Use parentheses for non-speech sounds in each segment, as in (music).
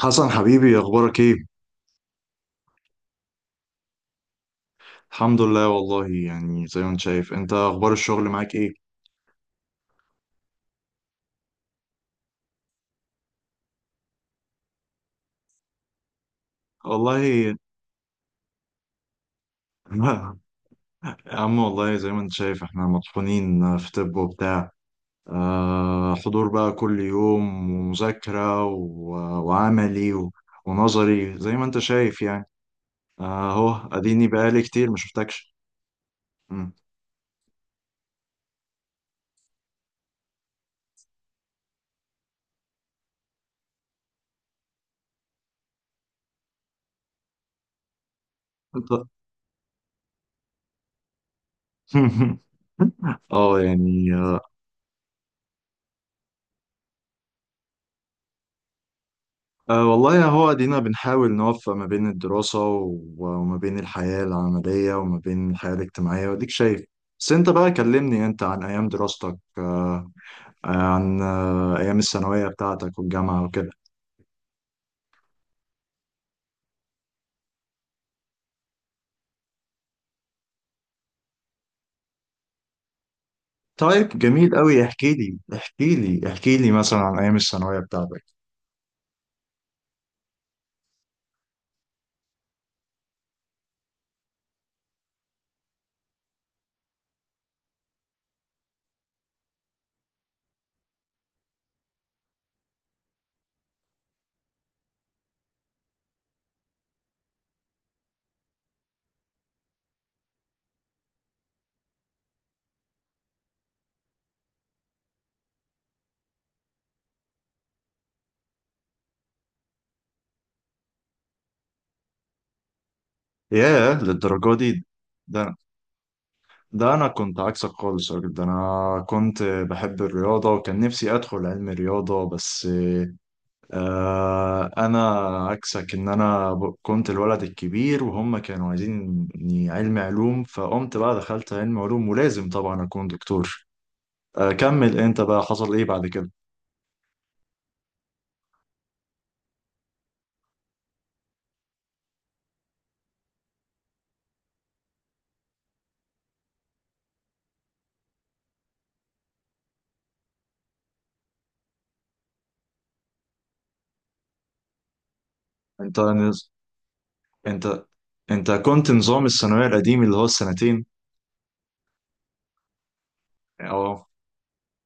حسن، حبيبي، اخبارك ايه؟ الحمد لله، والله يعني زي ما انت شايف. انت اخبار الشغل معاك ايه؟ والله. (laughs) يا عم، والله زي ما انت شايف احنا مطحونين في طب وبتاع. آه، حضور بقى كل يوم ومذاكرة وعملي ونظري زي ما انت شايف يعني. اهو اديني بقالي كتير ما شفتكش. مم. انت- (laughs) اه يعني أه، والله هو دينا بنحاول نوفق ما بين الدراسة وما بين الحياة العملية وما بين الحياة الاجتماعية وديك شايف. بس انت بقى كلمني انت عن ايام دراستك. أه آه، عن ايام الثانوية بتاعتك والجامعة وكده. طيب جميل قوي، احكي لي احكي لي احكي لي مثلا عن ايام الثانوية بتاعتك. ياه، للدرجة دي؟ ده ده انا كنت عكسك خالص يا راجل، ده انا كنت بحب الرياضة وكان نفسي ادخل علم رياضة بس. انا عكسك، ان انا كنت الولد الكبير وهم كانوا عايزيني علم علوم، فقمت بقى دخلت علم علوم، ولازم طبعا اكون دكتور. كمل انت بقى، حصل ايه بعد كده؟ انت نز... انت انت كنت نظام الثانوية القديم اللي هو السنتين. اه،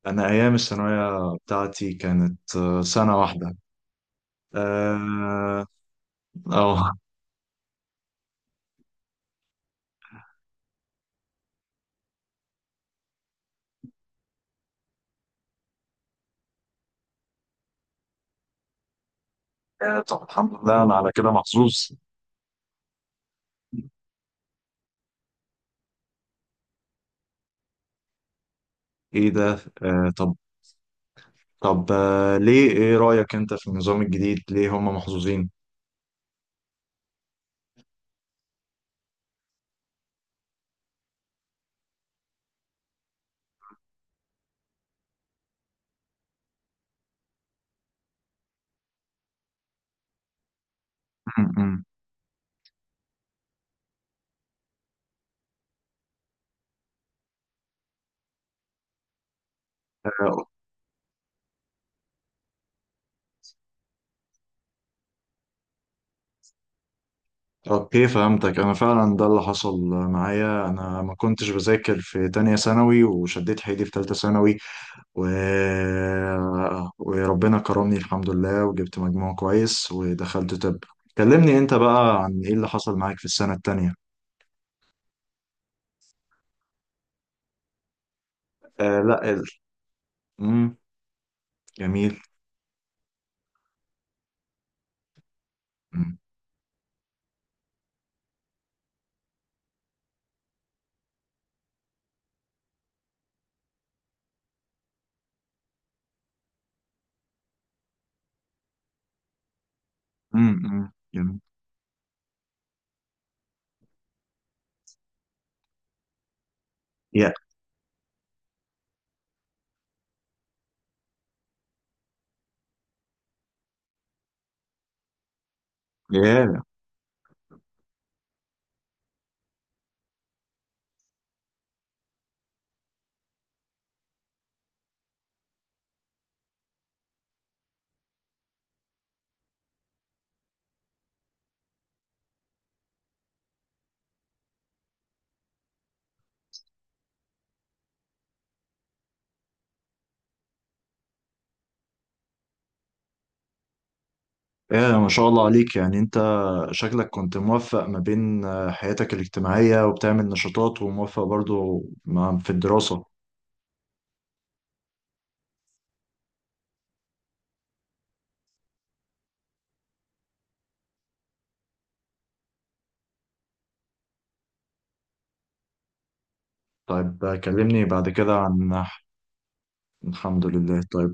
انا ايام الثانوية بتاعتي كانت سنة واحدة. اه. آه. (laughs) طب الحمد لله، انا على كده محظوظ. ايه ده طب. طب ليه؟ ايه رأيك انت في النظام الجديد؟ ليه هم محظوظين؟ م-م. آه، اوكي، فهمتك. انا فعلا ده اللي حصل معايا، انا ما كنتش بذاكر في تانية ثانوي وشديت حيلي في تالتة ثانوي، و... وربنا كرمني الحمد لله وجبت مجموع كويس ودخلت طب. كلمني انت بقى عن ايه اللي حصل معاك في السنة التانية. آه لا، مم. جميل. مم. م-م. مم. جميل. يا يا يا ما شاء الله عليك. يعني انت شكلك كنت موفق ما بين حياتك الاجتماعية وبتعمل نشاطات، وموفق برضو في الدراسة. طيب كلمني بعد كده عن النحو. الحمد لله، طيب.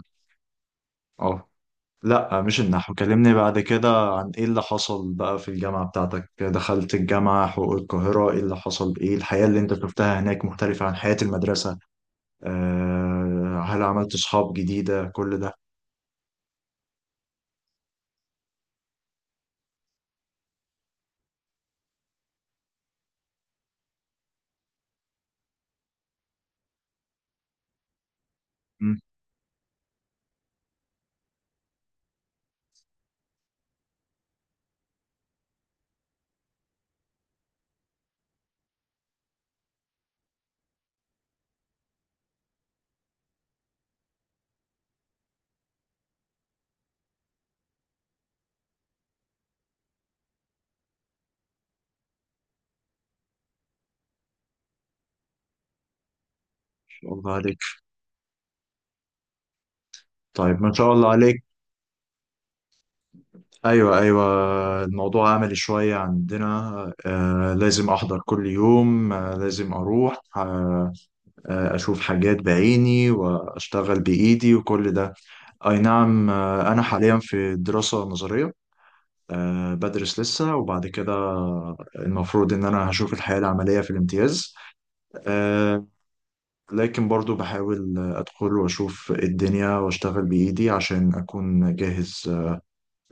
اه لا، مش النحو، كلمني بعد كده عن ايه اللي حصل بقى في الجامعة بتاعتك. دخلت الجامعة حقوق القاهرة، ايه اللي حصل؟ ايه الحياة اللي انت شفتها هناك؟ مختلفة عن حياة المدرسة؟ هل عملت صحاب جديدة كل ده؟ ما شاء الله عليك. طيب ما شاء الله عليك. ايوه، ايوه، الموضوع عملي شويه عندنا. لازم احضر كل يوم، لازم اروح، اشوف حاجات بعيني واشتغل بايدي وكل ده. اي نعم، انا حاليا في دراسه نظريه، بدرس لسه، وبعد كده المفروض ان انا هشوف الحياه العمليه في الامتياز. آه لكن برضو بحاول ادخل واشوف الدنيا واشتغل بايدي عشان اكون جاهز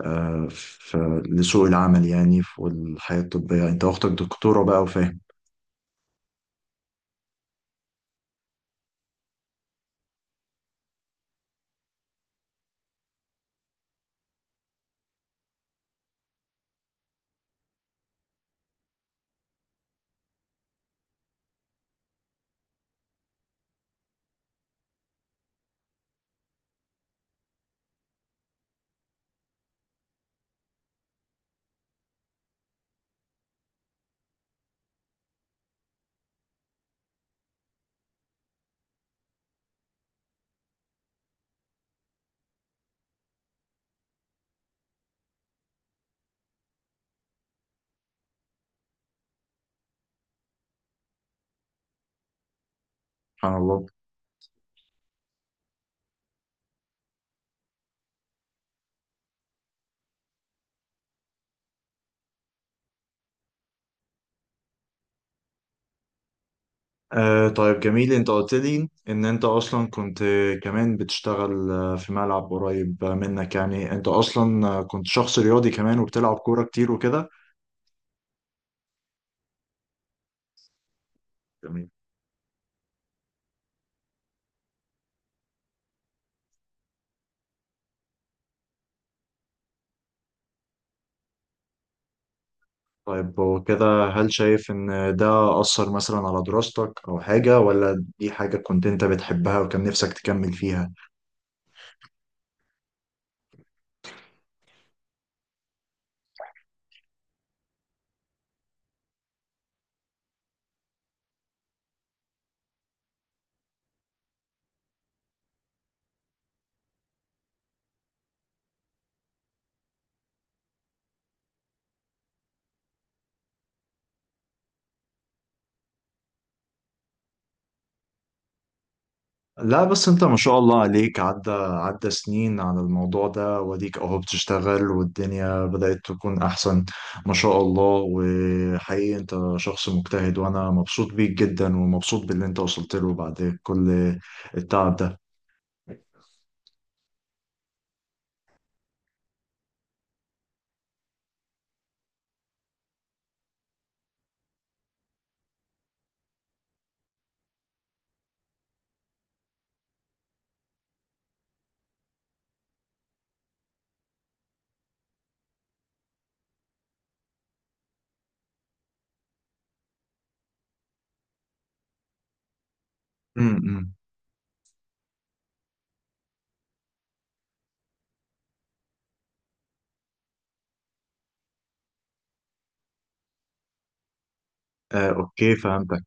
في لسوق العمل يعني. في والحياة الطبية انت اختك دكتورة بقى وفاهم. سبحان الله. طيب جميل، انت قلت لي ان انت اصلا كنت كمان بتشتغل في ملعب قريب منك. يعني انت اصلا كنت شخص رياضي كمان وبتلعب كورة كتير وكده. جميل. طيب وكده هل شايف ان ده أثر مثلا على دراستك او حاجة؟ ولا دي حاجة كنت انت بتحبها وكان نفسك تكمل فيها؟ لا بس انت ما شاء الله عليك، عدى عدى سنين على الموضوع ده، وديك اهو بتشتغل والدنيا بدأت تكون احسن. ما شاء الله. وحقيقي انت شخص مجتهد، وانا مبسوط بيك جدا ومبسوط باللي انت وصلت له بعد كل التعب ده. امم. اوكي، فهمتك.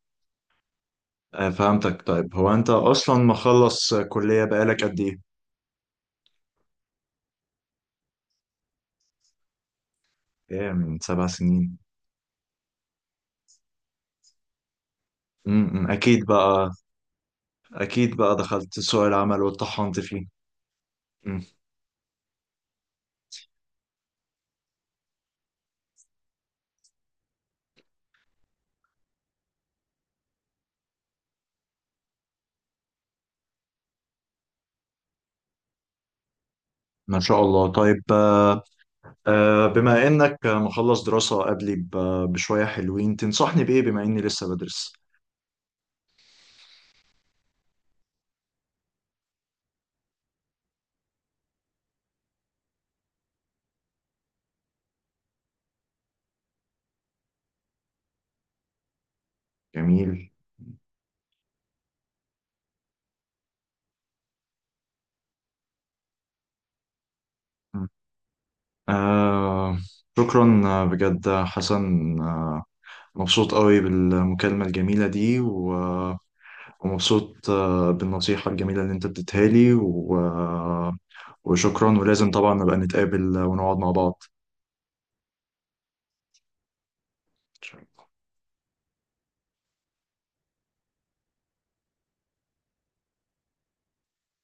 فهمتك. طيب هو انت اصلا مخلص كلية بقالك قد ايه؟ ايه، من 7 سنين؟ اكيد بقى، اكيد بقى دخلت سوق العمل واتطحنت فيه. ما شاء الله. طيب بما انك مخلص دراسة قبلي بشوية حلوين، تنصحني بإيه بما اني لسه بدرس؟ جميل. آه، شكرا بجد حسن. آه، مبسوط قوي بالمكالمة الجميلة دي ومبسوط بالنصيحة الجميلة اللي انت اديتها لي وشكرا. ولازم طبعا نبقى نتقابل ونقعد مع بعض.